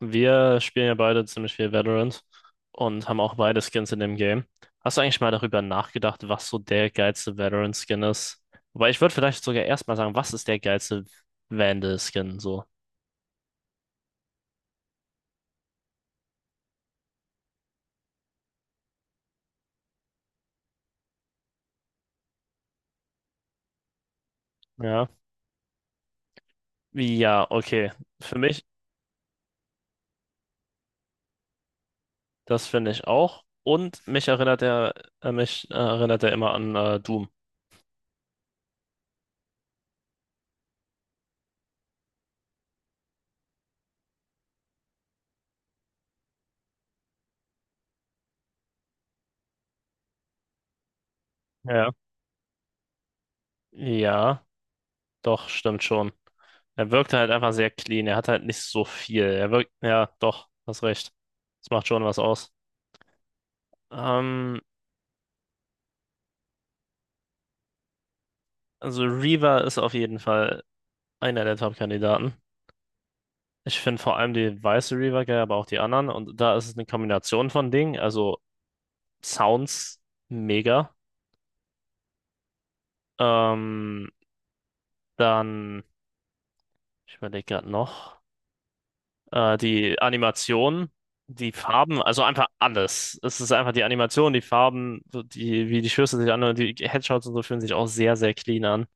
Wir spielen ja beide ziemlich viel Valorant und haben auch beide Skins in dem Game. Hast du eigentlich mal darüber nachgedacht, was so der geilste Valorant-Skin ist? Wobei, ich würde vielleicht sogar erstmal sagen, was ist der geilste Vandal-Skin so? Ja. Ja, okay. Für mich, das finde ich auch. Und mich erinnert er immer an Doom. Ja. Ja, doch, stimmt schon. Er wirkt halt einfach sehr clean. Er hat halt nicht so viel. Er wirkt, ja, doch, hast recht. Das macht schon was aus. Ähm, Also Reaver ist auf jeden Fall einer der Top-Kandidaten. Ich finde vor allem die weiße Reaver geil, aber auch die anderen. Und da ist es eine Kombination von Dingen. Also Sounds mega. Ähm, dann, ich überlege gerade noch, die Animation, die Farben, also einfach alles. Es ist einfach die Animation, die Farben, so die, wie die Schüsse sich anhören, die Headshots und so fühlen sich auch sehr, sehr clean an.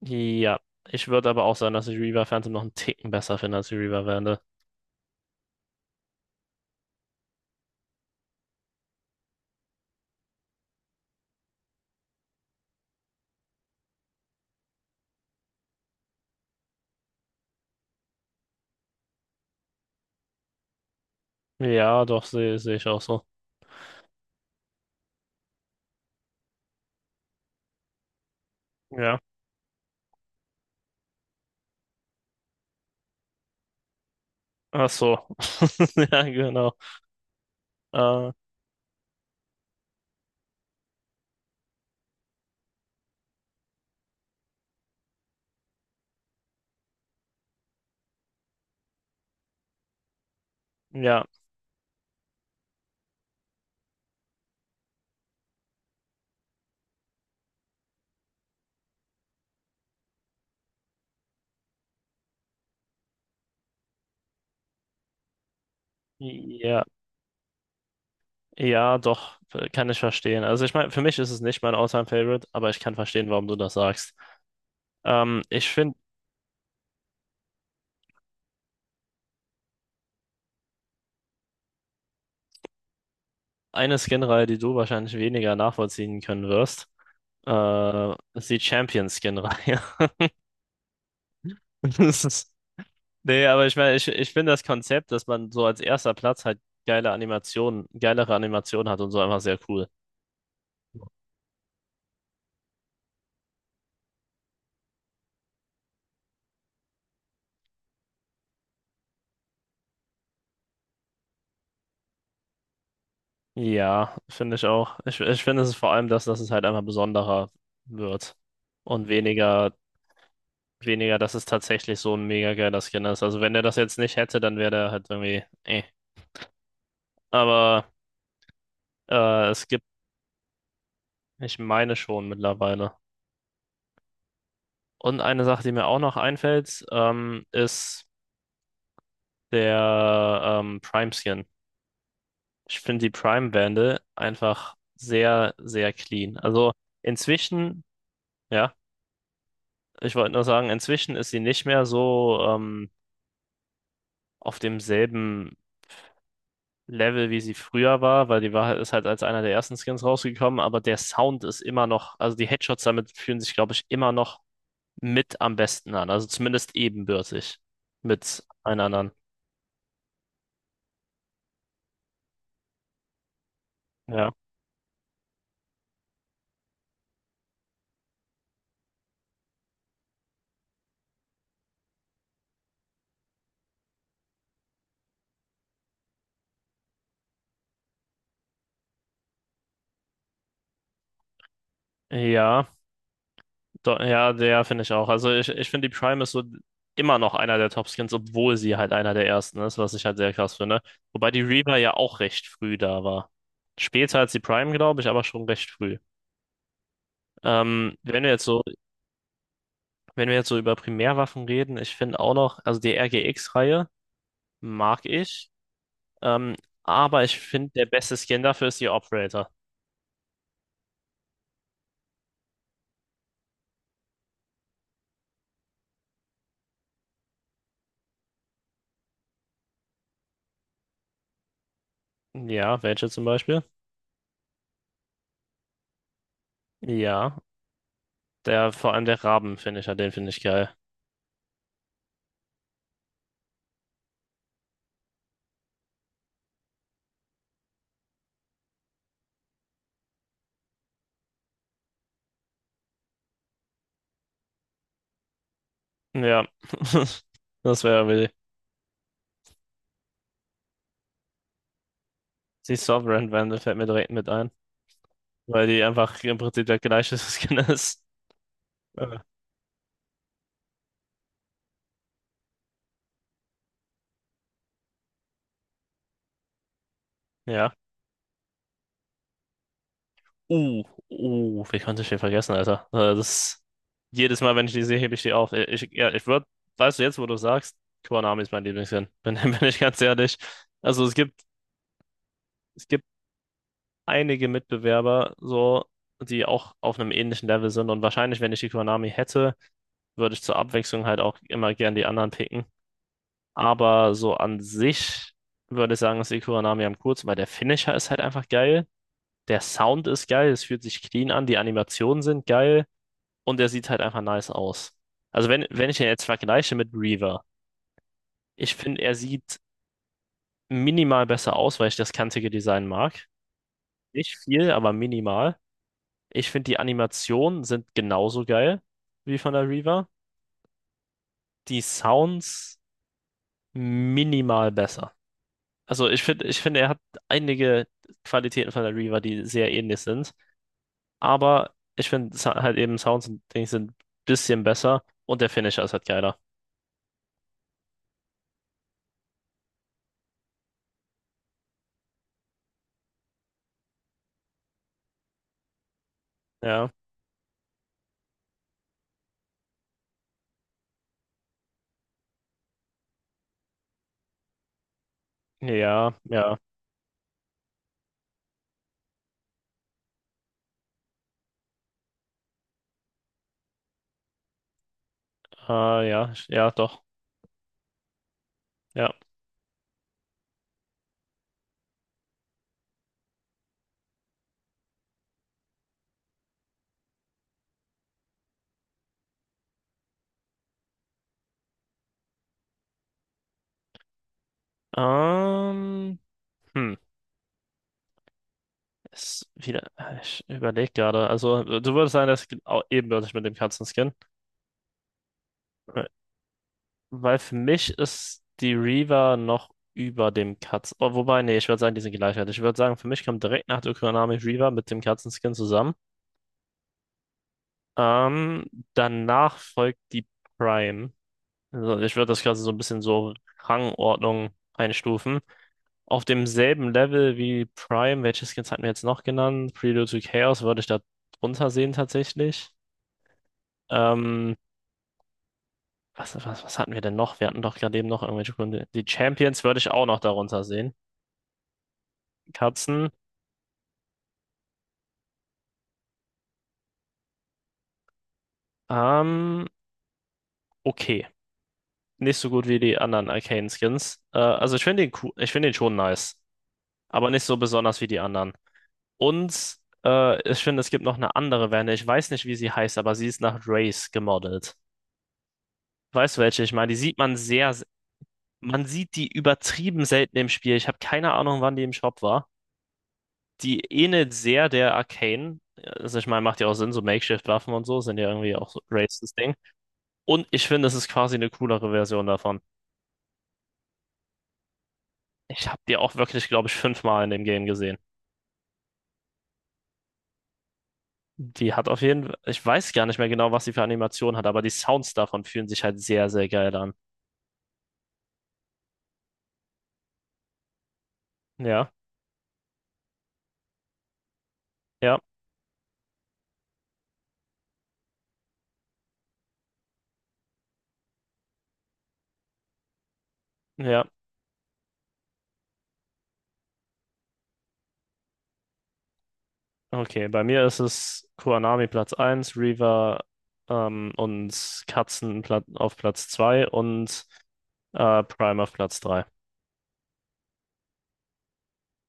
Ja, ich würde aber auch sagen, dass ich Reaver Phantom noch einen Ticken besser finde als die Reaver Wende. Ja, doch, sehe ich auch so. Ja, ach so. Ja, genau. Äh, ja, ja, ja, doch, kann ich verstehen. Also ich meine, für mich ist es nicht mein All-Time-Favorite, aber ich kann verstehen, warum du das sagst. Ich finde, eine Skin-Reihe, die du wahrscheinlich weniger nachvollziehen können wirst, ist die Champion-Skin-Reihe. Das ist- Nee, aber ich meine, ich finde das Konzept, dass man so als erster Platz halt geile Animationen, geilere Animationen hat und so, einfach sehr cool. Ja, finde ich auch. Ich finde, es ist vor allem das, dass es halt einfach besonderer wird und weniger, weniger, dass es tatsächlich so ein mega geiler Skin ist. Also wenn er das jetzt nicht hätte, dann wäre der halt irgendwie, eh. Aber es gibt, ich meine schon mittlerweile. Und eine Sache, die mir auch noch einfällt, ist der Prime Skin. Ich finde die Prime Bande einfach sehr, sehr clean. Also inzwischen, ja, ich wollte nur sagen, inzwischen ist sie nicht mehr so. Auf demselben Level, wie sie früher war, weil die war halt, ist halt als einer der ersten Skins rausgekommen, aber der Sound ist immer noch, also die Headshots damit fühlen sich, glaube ich, immer noch mit am besten an, also zumindest ebenbürtig mit allen anderen. Ja. Ja, do, ja, der finde ich auch. Also ich finde, die Prime ist so immer noch einer der Top-Skins, obwohl sie halt einer der ersten ist, was ich halt sehr krass finde. Wobei die Reaver ja auch recht früh da war. Später als die Prime, glaube ich, aber schon recht früh. Wenn du jetzt so, wenn wir jetzt so über Primärwaffen reden, ich finde auch noch, also die RGX-Reihe mag ich, ähm, aber ich finde, der beste Skin dafür ist die Operator. Ja, welche zum Beispiel? Ja, der, vor allem der Raben-Finisher, den finde ich geil. Ja, das wäre irgendwie die Sovereign Wand, fällt mir direkt mit ein, weil die einfach im Prinzip der gleiche Skin ist. Äh. Ja. Uh, wie konnte ich den vergessen, Alter? Das, jedes Mal, wenn ich die sehe, hebe ich die auf. Ich, ja, ich würde, weißt du, jetzt, wo du sagst, Konami ist mein Lieblingsskin. Bin, bin ich ganz ehrlich. Also es gibt einige Mitbewerber, so, die auch auf einem ähnlichen Level sind. Und wahrscheinlich, wenn ich die Konami hätte, würde ich zur Abwechslung halt auch immer gern die anderen picken. Aber so an sich würde ich sagen, ist die Konami am kurz, weil der Finisher ist halt einfach geil. Der Sound ist geil, es fühlt sich clean an, die Animationen sind geil und er sieht halt einfach nice aus. Also wenn, wenn ich ihn jetzt vergleiche mit Reaver, ich finde, er sieht minimal besser aus, weil ich das kantige Design mag. Nicht viel, aber minimal. Ich finde, die Animationen sind genauso geil wie von der Reaver. Die Sounds minimal besser. Also ich finde, er hat einige Qualitäten von der Reaver, die sehr ähnlich sind. Aber ich finde sa- halt eben Sounds und Dings sind ein bisschen besser und der Finisher ist halt geiler. Ja, ja, ja. Ah, ja, ja, doch. Ja. Ähm, hm, ist wieder, ich überlege gerade. Also, du würdest sagen, das geht auch ebenbürtig mit dem Katzenskin. Äh, Weil für mich ist die Reaver noch über dem Katzen. Oh, wobei, nee, ich würde sagen, die sind gleichwertig. Ich würde sagen, für mich kommt direkt nach der Kuranami Reaver mit dem Katzenskin zusammen. Ähm, danach folgt die Prime. Also, ich würde das quasi so ein bisschen so Rangordnung einstufen, auf demselben Level wie Prime. Welche Skins hatten wir jetzt noch genannt? Prelude to Chaos würde ich da drunter sehen, tatsächlich. Ähm, was hatten wir denn noch? Wir hatten doch gerade eben noch irgendwelche Gründe. Die Champions würde ich auch noch darunter sehen. Katzen. Ähm, okay. Nicht so gut wie die anderen Arcane Skins. Also ich finde den, cool- ich finde den schon nice. Aber nicht so besonders wie die anderen. Und ich finde, es gibt noch eine andere Wende. Ich weiß nicht, wie sie heißt, aber sie ist nach Race gemodelt. Weißt du welche? Ich meine, die sieht man sehr, man sieht die übertrieben selten im Spiel. Ich habe keine Ahnung, wann die im Shop war. Die ähnelt sehr der Arcane. Also ich meine, macht ja auch Sinn, so Makeshift-Waffen und so sind ja irgendwie auch so races Ding. Und ich finde, es ist quasi eine coolere Version davon. Ich habe die auch wirklich, glaube ich, 5-mal in dem Game gesehen. Die hat auf jeden Fall, ich weiß gar nicht mehr genau, was sie für Animationen hat, aber die Sounds davon fühlen sich halt sehr, sehr geil an. Ja, ja, ja. Okay, bei mir ist es Kuanami Platz eins, Reaver und Katzen Pla- auf Platz 2 und Prime auf Platz 3.